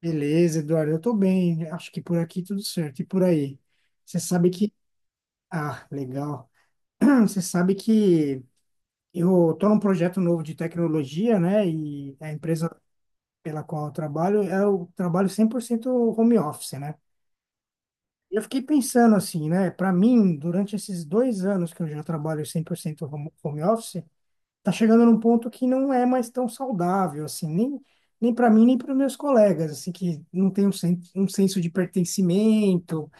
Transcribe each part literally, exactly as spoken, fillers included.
Beleza, Eduardo, eu tô bem. Acho que por aqui tudo certo. E por aí? Você sabe que. Ah, legal. Ah, você sabe que eu tô num projeto novo de tecnologia, né? E a empresa pela qual eu trabalho, eu trabalho cem por cento home office, né? Eu fiquei pensando assim, né? Para mim, durante esses dois anos que eu já trabalho cem por cento home home office, tá chegando num ponto que não é mais tão saudável, assim, nem. Nem para mim, nem para meus colegas, assim, que não tem um sen- um senso de pertencimento.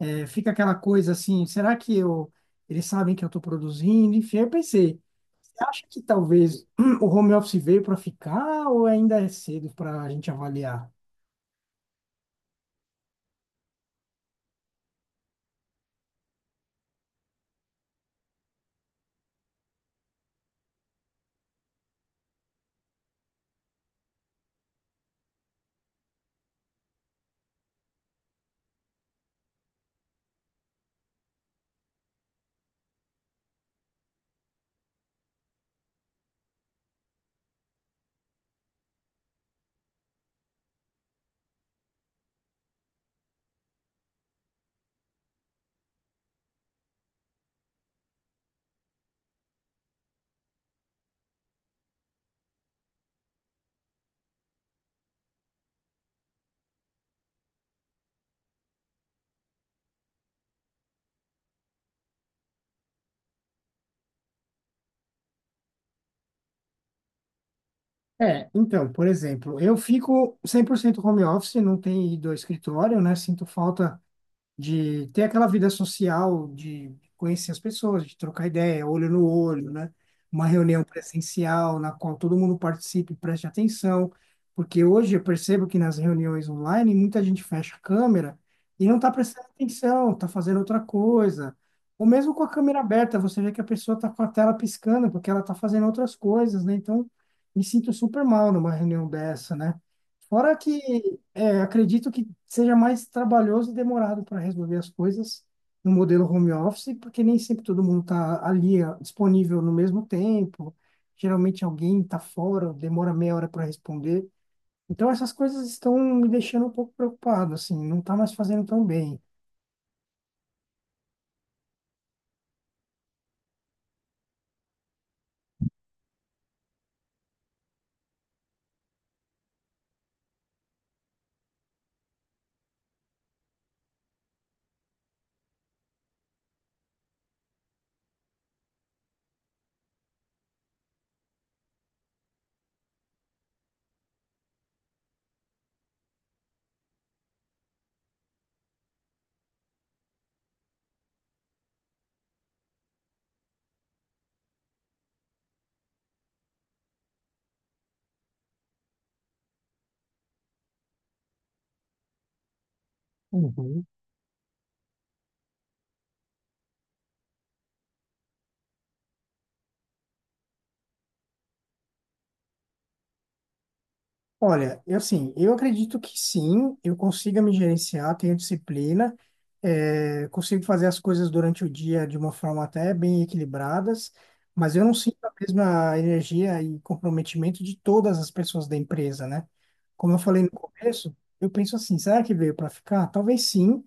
É, fica aquela coisa assim, será que eu, eles sabem que eu estou produzindo? Enfim, eu pensei, você acha que talvez o home office veio para ficar ou ainda é cedo para a gente avaliar? É, então, por exemplo, eu fico cem por cento home office, não tenho ido ao escritório, né? Sinto falta de ter aquela vida social, de conhecer as pessoas, de trocar ideia, olho no olho, né? Uma reunião presencial na qual todo mundo participe e preste atenção, porque hoje eu percebo que nas reuniões online muita gente fecha a câmera e não está prestando atenção, está fazendo outra coisa. Ou mesmo com a câmera aberta, você vê que a pessoa está com a tela piscando porque ela está fazendo outras coisas, né? Então, me sinto super mal numa reunião dessa, né? Fora que é, acredito que seja mais trabalhoso e demorado para resolver as coisas no modelo home office, porque nem sempre todo mundo está ali ah, disponível no mesmo tempo. Geralmente alguém está fora, demora meia hora para responder. Então essas coisas estão me deixando um pouco preocupado, assim, não está mais fazendo tão bem. Uhum. Olha, eu assim, eu acredito que sim, eu consiga me gerenciar, tenho disciplina, eh, consigo fazer as coisas durante o dia de uma forma até bem equilibradas, mas eu não sinto a mesma energia e comprometimento de todas as pessoas da empresa, né? Como eu falei no começo, eu penso assim, será que veio para ficar? Talvez sim,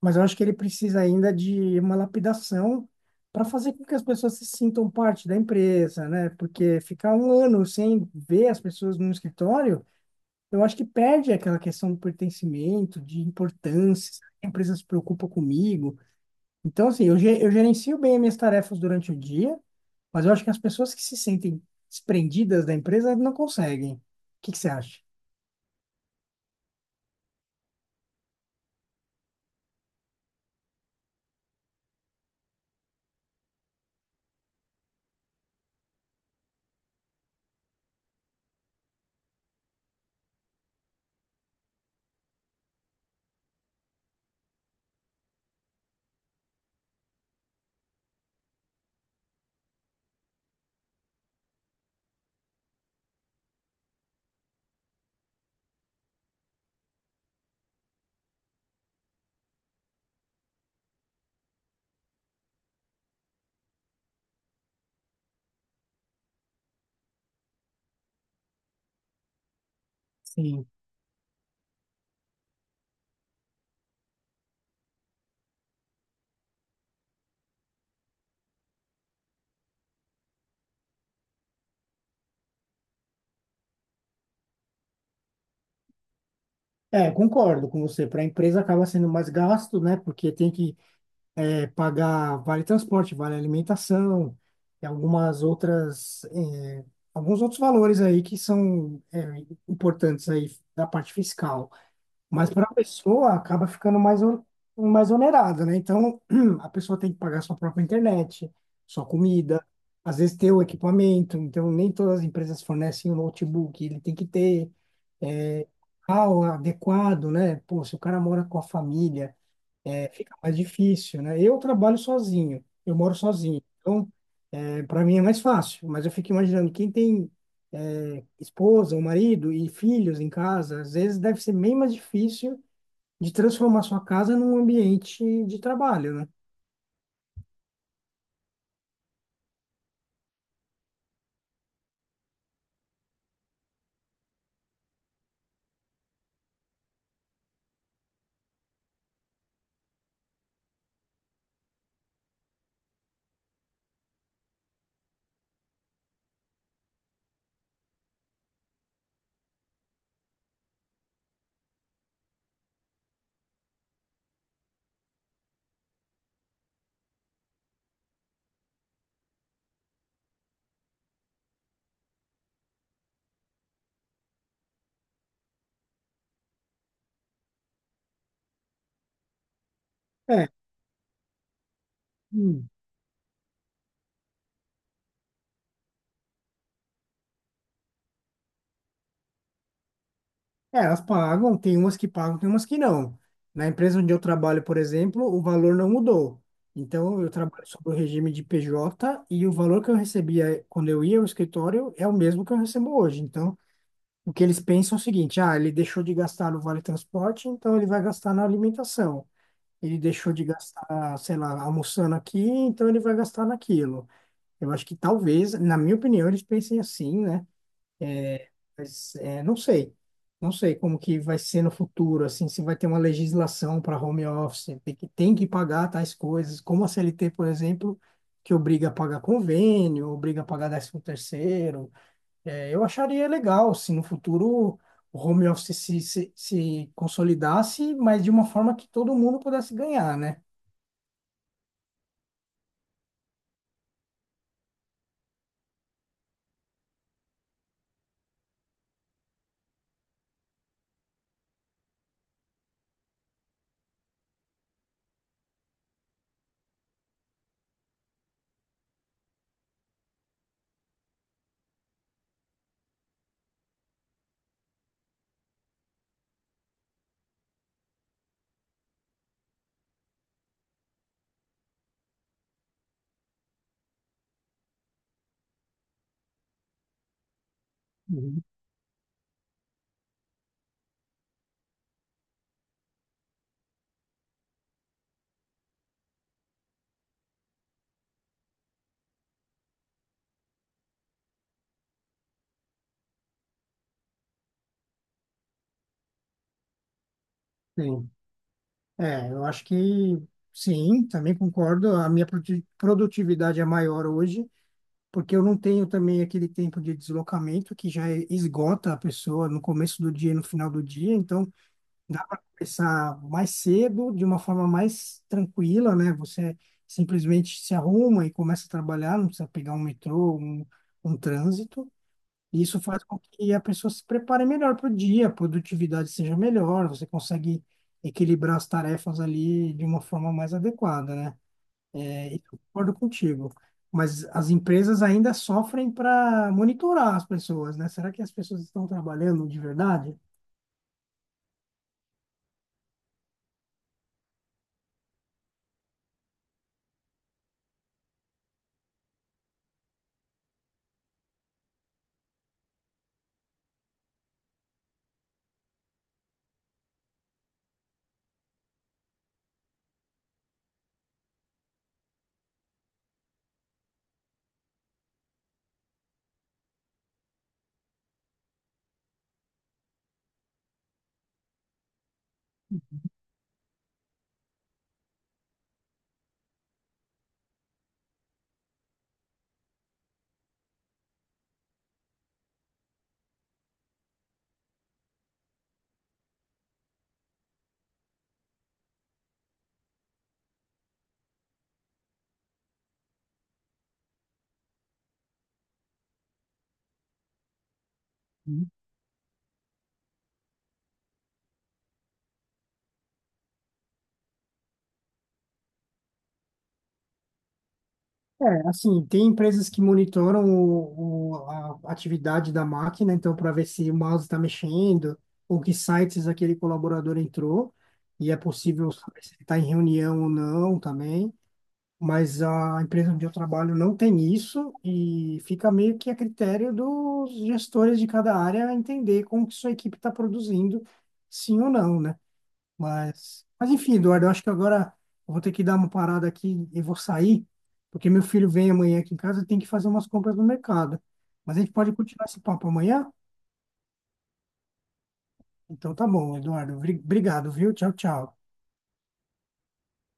mas eu acho que ele precisa ainda de uma lapidação para fazer com que as pessoas se sintam parte da empresa, né? Porque ficar um ano sem ver as pessoas no escritório eu acho que perde aquela questão do pertencimento, de importância, será que a empresa se preocupa comigo. Então, assim, eu, ge- eu gerencio bem as minhas tarefas durante o dia, mas eu acho que as pessoas que se sentem desprendidas da empresa não conseguem. O que que você acha? Sim. É, concordo com você. Para a empresa acaba sendo mais gasto, né? Porque tem que é, pagar vale transporte, vale alimentação, e algumas outras, é, alguns outros valores aí que são é, importantes aí da parte fiscal. Mas para a pessoa acaba ficando mais, on- mais onerada, né? Então, a pessoa tem que pagar sua própria internet, sua comida, às vezes ter o equipamento. Então, nem todas as empresas fornecem o notebook, ele tem que ter é, ah, o adequado, né? Pô, se o cara mora com a família, é, fica mais difícil, né? Eu trabalho sozinho, eu moro sozinho, então para mim é mais fácil, mas eu fico imaginando quem tem é, esposa, ou marido e filhos em casa, às vezes deve ser bem mais difícil de transformar sua casa num ambiente de trabalho, né? É. Hum. É, elas pagam, tem umas que pagam, tem umas que não. Na empresa onde eu trabalho, por exemplo, o valor não mudou. Então, eu trabalho sob o regime de P J e o valor que eu recebia quando eu ia ao escritório é o mesmo que eu recebo hoje. Então, o que eles pensam é o seguinte: ah, ele deixou de gastar no vale transporte, então ele vai gastar na alimentação. Ele deixou de gastar, sei lá, almoçando aqui, então ele vai gastar naquilo. Eu acho que talvez, na minha opinião, eles pensem assim, né? Mas é, não sei. Não sei como que vai ser no futuro, assim, se vai ter uma legislação para home office, tem que, tem que pagar tais coisas, como a C L T, por exemplo, que obriga a pagar convênio, obriga a pagar décimo terceiro. É, eu acharia legal se no futuro o home office se, se, se consolidasse, mas de uma forma que todo mundo pudesse ganhar, né? Uhum. Sim. É, eu acho que sim, também concordo. A minha produ- produtividade é maior hoje porque eu não tenho também aquele tempo de deslocamento que já esgota a pessoa no começo do dia e no final do dia, então dá para começar mais cedo, de uma forma mais tranquila, né? Você simplesmente se arruma e começa a trabalhar, não precisa pegar um metrô, um, um trânsito. E isso faz com que a pessoa se prepare melhor para o dia, a produtividade seja melhor, você consegue equilibrar as tarefas ali de uma forma mais adequada, né? É, eu concordo contigo, mas as empresas ainda sofrem para monitorar as pessoas, né? Será que as pessoas estão trabalhando de verdade? Uhum. É, assim, tem empresas que monitoram o, o- a atividade da máquina, então, para ver se o mouse está mexendo ou que sites aquele colaborador entrou, e é possível saber se ele está em reunião ou não também. Mas a empresa onde eu trabalho não tem isso e fica meio que a critério dos gestores de cada área entender como que sua equipe está produzindo, sim ou não, né? Mas, mas enfim, Eduardo, eu acho que agora eu vou ter que dar uma parada aqui e vou sair, porque meu filho vem amanhã aqui em casa e tem que fazer umas compras no mercado. Mas a gente pode continuar esse papo amanhã? Então tá bom, Eduardo. Obri- Obrigado, viu? Tchau, tchau.